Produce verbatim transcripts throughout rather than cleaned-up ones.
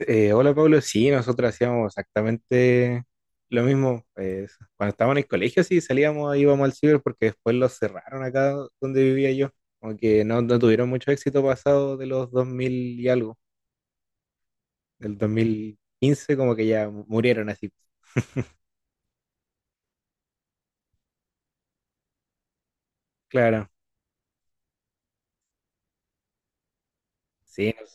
Eh, hola Pablo, sí, nosotros hacíamos exactamente lo mismo. Eh, cuando estábamos en el colegio, sí, salíamos, ahí, íbamos al ciber porque después los cerraron acá donde vivía yo. Como que no, no tuvieron mucho éxito pasado de los dos mil y algo, del dos mil quince como que ya mu- murieron así. Claro, sí. No sé.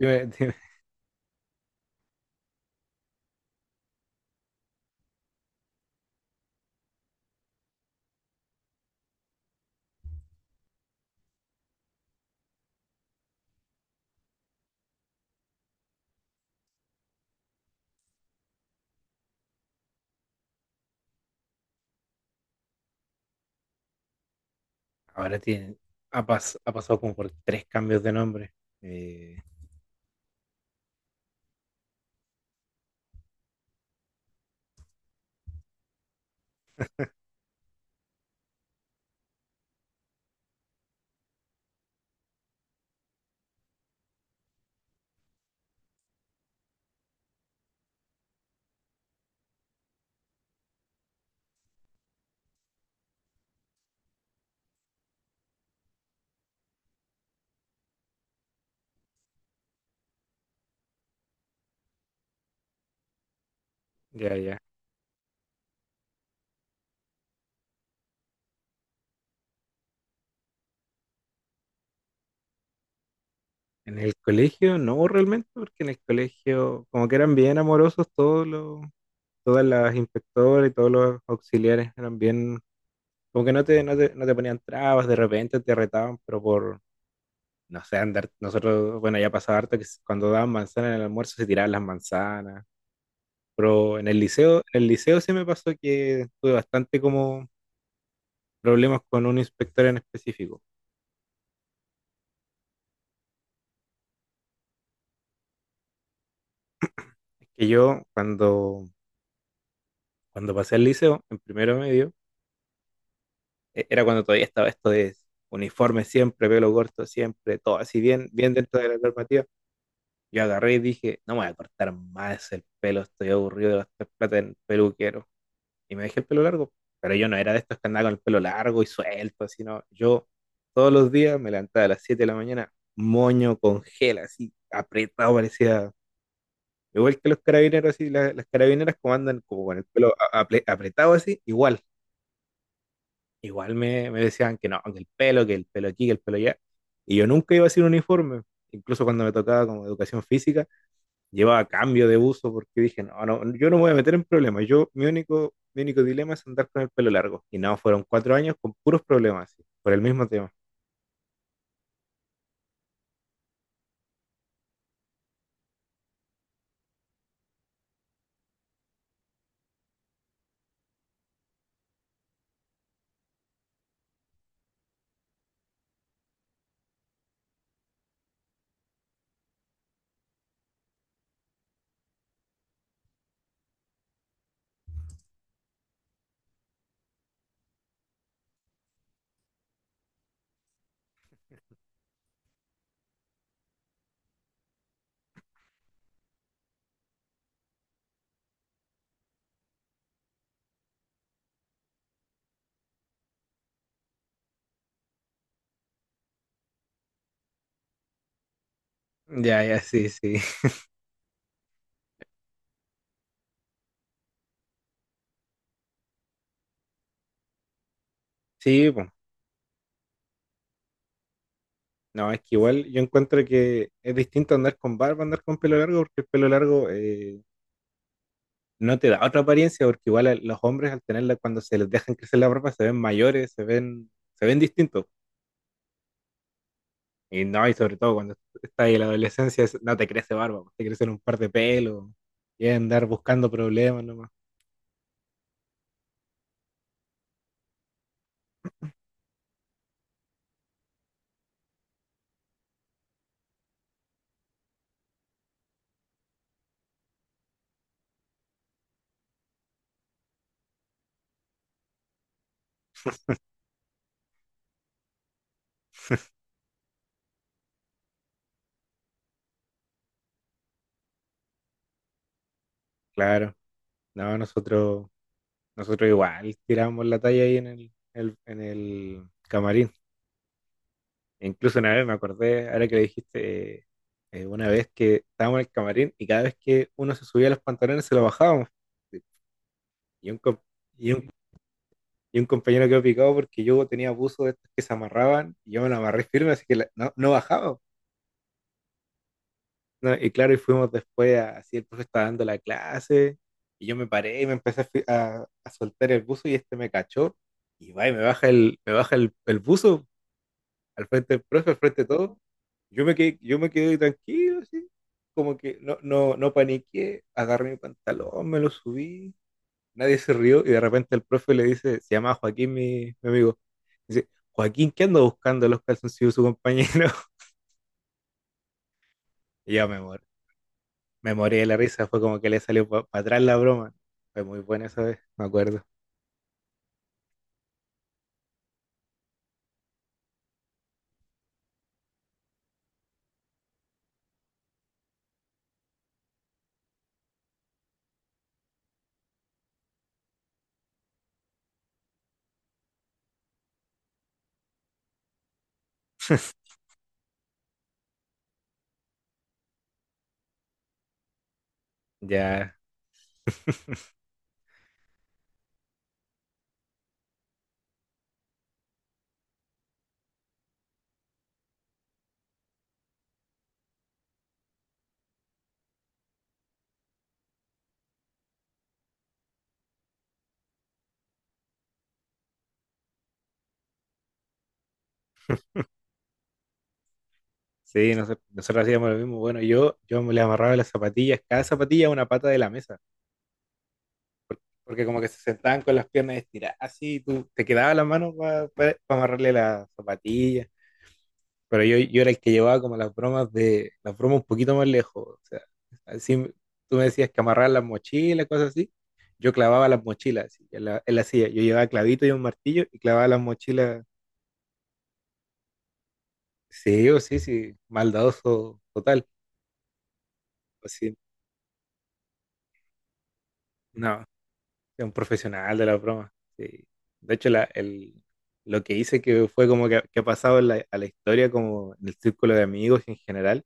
Dime- dime. Ahora tiene, ha, pas- ha pasado como por tres cambios de nombre. Eh, ya, ya. En el colegio no realmente, porque en el colegio como que eran bien amorosos todos los todas las inspectoras y todos los auxiliares eran bien, como que no te, no te, no te ponían trabas, de repente te retaban, pero por, no sé, andar, nosotros, bueno, ya pasaba harto que s- cuando daban manzanas en el almuerzo se tiraban las manzanas, pero en el liceo, en el liceo sí me pasó que tuve bastante como problemas con un inspector en específico. Es que yo cuando, cuando pasé al liceo, en primero medio, e- era cuando todavía estaba esto de uniforme siempre, pelo corto siempre, todo así bien, bien dentro de la normativa. Yo agarré y dije, no me voy a cortar más el pelo, estoy aburrido de gastar plata en peluquero. Y me dejé el pelo largo. Pero yo no era de estos que andaban con el pelo largo y suelto, sino yo todos los días me levantaba a las siete de la mañana, moño con gel, así apretado, parecía igual que los carabineros, así, la- las, carabineras como andan como con el pelo a- apre- apretado así, igual. Igual me, me decían que no, que el pelo, que el pelo aquí, que el pelo allá. Y yo nunca iba sin uniforme. Incluso cuando me tocaba como educación física, llevaba cambio de uso porque dije, no, no, yo no me voy a meter en problemas. Yo, mi único, mi único dilema es andar con el pelo largo. Y no, fueron cuatro años con puros problemas, sí, por el mismo tema. Ya, ya, sí, sí. Sí, pues. No, es que igual yo encuentro que es distinto andar con barba, andar con pelo largo, porque el pelo largo eh, no te da otra apariencia, porque igual a los hombres al tenerla, cuando se les dejan crecer la barba, se ven mayores, se ven, se ven distintos. Y no, y sobre todo cuando estás en la adolescencia, es- no te crece barba, pues, te crecen un par de pelos y andar buscando problemas nomás. Claro, no, nosotros, nosotros igual tiramos la talla ahí en el, el- en el camarín. E incluso una vez me acordé, ahora que le dijiste, eh, eh, una vez que estábamos en el camarín y cada vez que uno se subía los pantalones se los bajábamos. Y un, com- y un, y un compañero quedó picado porque yo tenía buzos de estos que se amarraban y yo me lo amarré firme, así que la- no, no bajaba. No, y claro, y fuimos después, a- así el profe estaba dando la clase, y yo me paré y me empecé a, fi- a- a soltar el buzo y este me cachó, y va y me baja el, me baja el, el buzo al frente del profe, al frente de todo. Yo me quedé, yo me quedé tranquilo, así, como que no, no, no paniqué, agarré mi pantalón, me lo subí, nadie se rió, y de repente el profe le dice, se llama Joaquín, mi, mi amigo, dice, Joaquín, ¿qué anda buscando los calzoncillos de su compañero? Y yo me morí. Me morí de la risa, fue como que le salió para atrás la broma. Fue muy buena esa vez, me acuerdo. Ya, sí, nos- nosotros hacíamos lo mismo. Bueno, yo, yo me le amarraba las zapatillas, cada zapatilla a una pata de la mesa, porque como que se sentaban con las piernas estiradas, así, y tú te quedaba la mano para amarrarle las zapatillas. Pero yo, yo era el que llevaba como las bromas de, las bromas un poquito más lejos. O sea, así tú me decías que amarrar las mochilas, cosas así. Yo clavaba las mochilas así, en la, en la silla. Yo llevaba clavito y un martillo y clavaba las mochilas. Sí, o sí, sí, maldadoso total. Así, no, es un profesional de la broma. Sí. De hecho, la, el, lo que hice que fue como que, que ha pasado en la- a la historia, como en el círculo de amigos en general,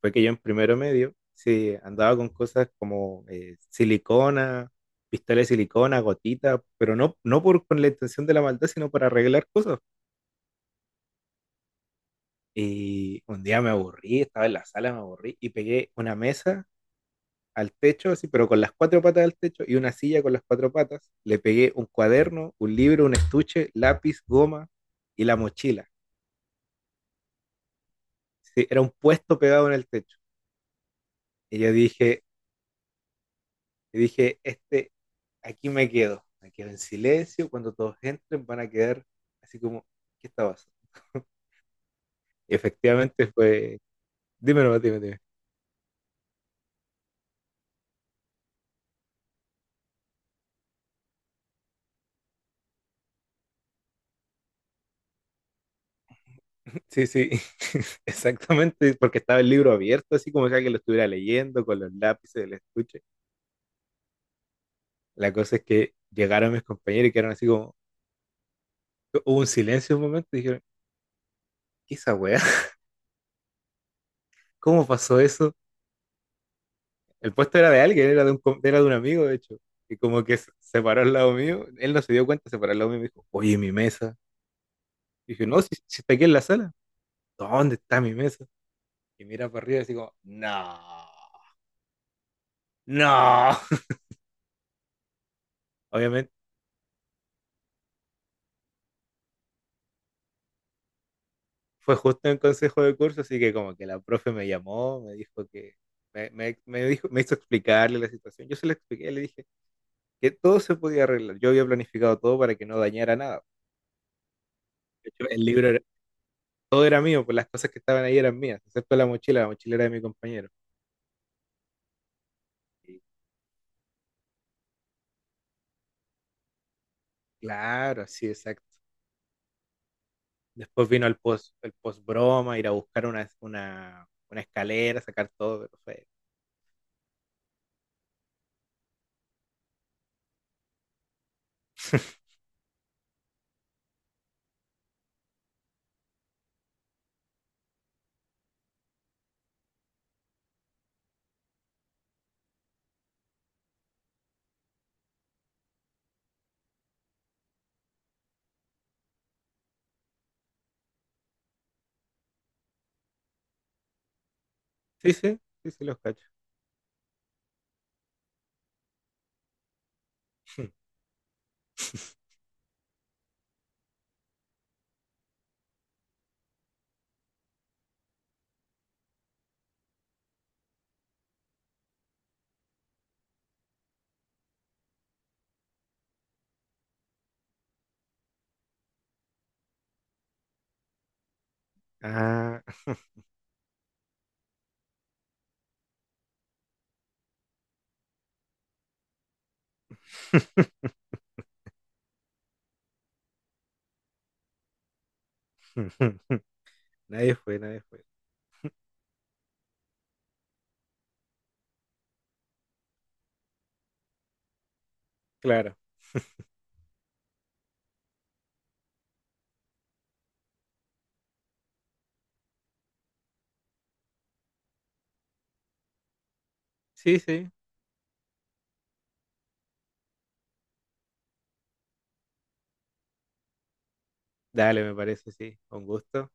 fue que yo en primero medio, sí, andaba con cosas como eh, silicona, pistola de silicona, gotita, pero no, no por, con la intención de la maldad, sino para arreglar cosas. Y un día me aburrí, estaba en la sala, me aburrí y pegué una mesa al techo, así, pero con las cuatro patas al techo y una silla con las cuatro patas. Le pegué un cuaderno, un libro, un estuche, lápiz, goma y la mochila. Sí, era un puesto pegado en el techo. Y yo dije, dije, este, aquí me quedo. Me quedo en silencio. Cuando todos entren van a quedar así como, ¿qué está pasando? Y efectivamente fue... Dime nomás, dime, dime. Sí, sí, exactamente, porque estaba el libro abierto, así como si alguien lo estuviera leyendo con los lápices del estuche. La cosa es que llegaron mis compañeros y quedaron así como, hubo un silencio un momento y dijeron, ¿qué es esa weá? ¿Cómo pasó eso? El puesto era de alguien, era de un, com- era de un amigo, de hecho. Y como que se se paró al lado mío, él no se dio cuenta, se paró al lado mío y me dijo, oye, mi mesa. Y dije, no, si, si está aquí en la sala, ¿dónde está mi mesa? Y mira para arriba y así como, no, no. Obviamente fue justo en consejo de curso, así que como que la profe me llamó, me dijo que, me, me, me dijo, me hizo explicarle la situación. Yo se la expliqué, le dije, que todo se podía arreglar. Yo había planificado todo para que no dañara nada. De hecho, el libro, era- todo era mío, pues las cosas que estaban ahí eran mías, excepto la mochila, la mochila era de mi compañero. Y claro, sí, exacto. Después vino el post, el post broma, ir a buscar una, una, una escalera, sacar todo, pero fue... Sí, sí, sí, sí, los cacho. Ah. Nadie fue, nadie fue. Claro. Sí, sí. Dale, me parece, sí. Con gusto.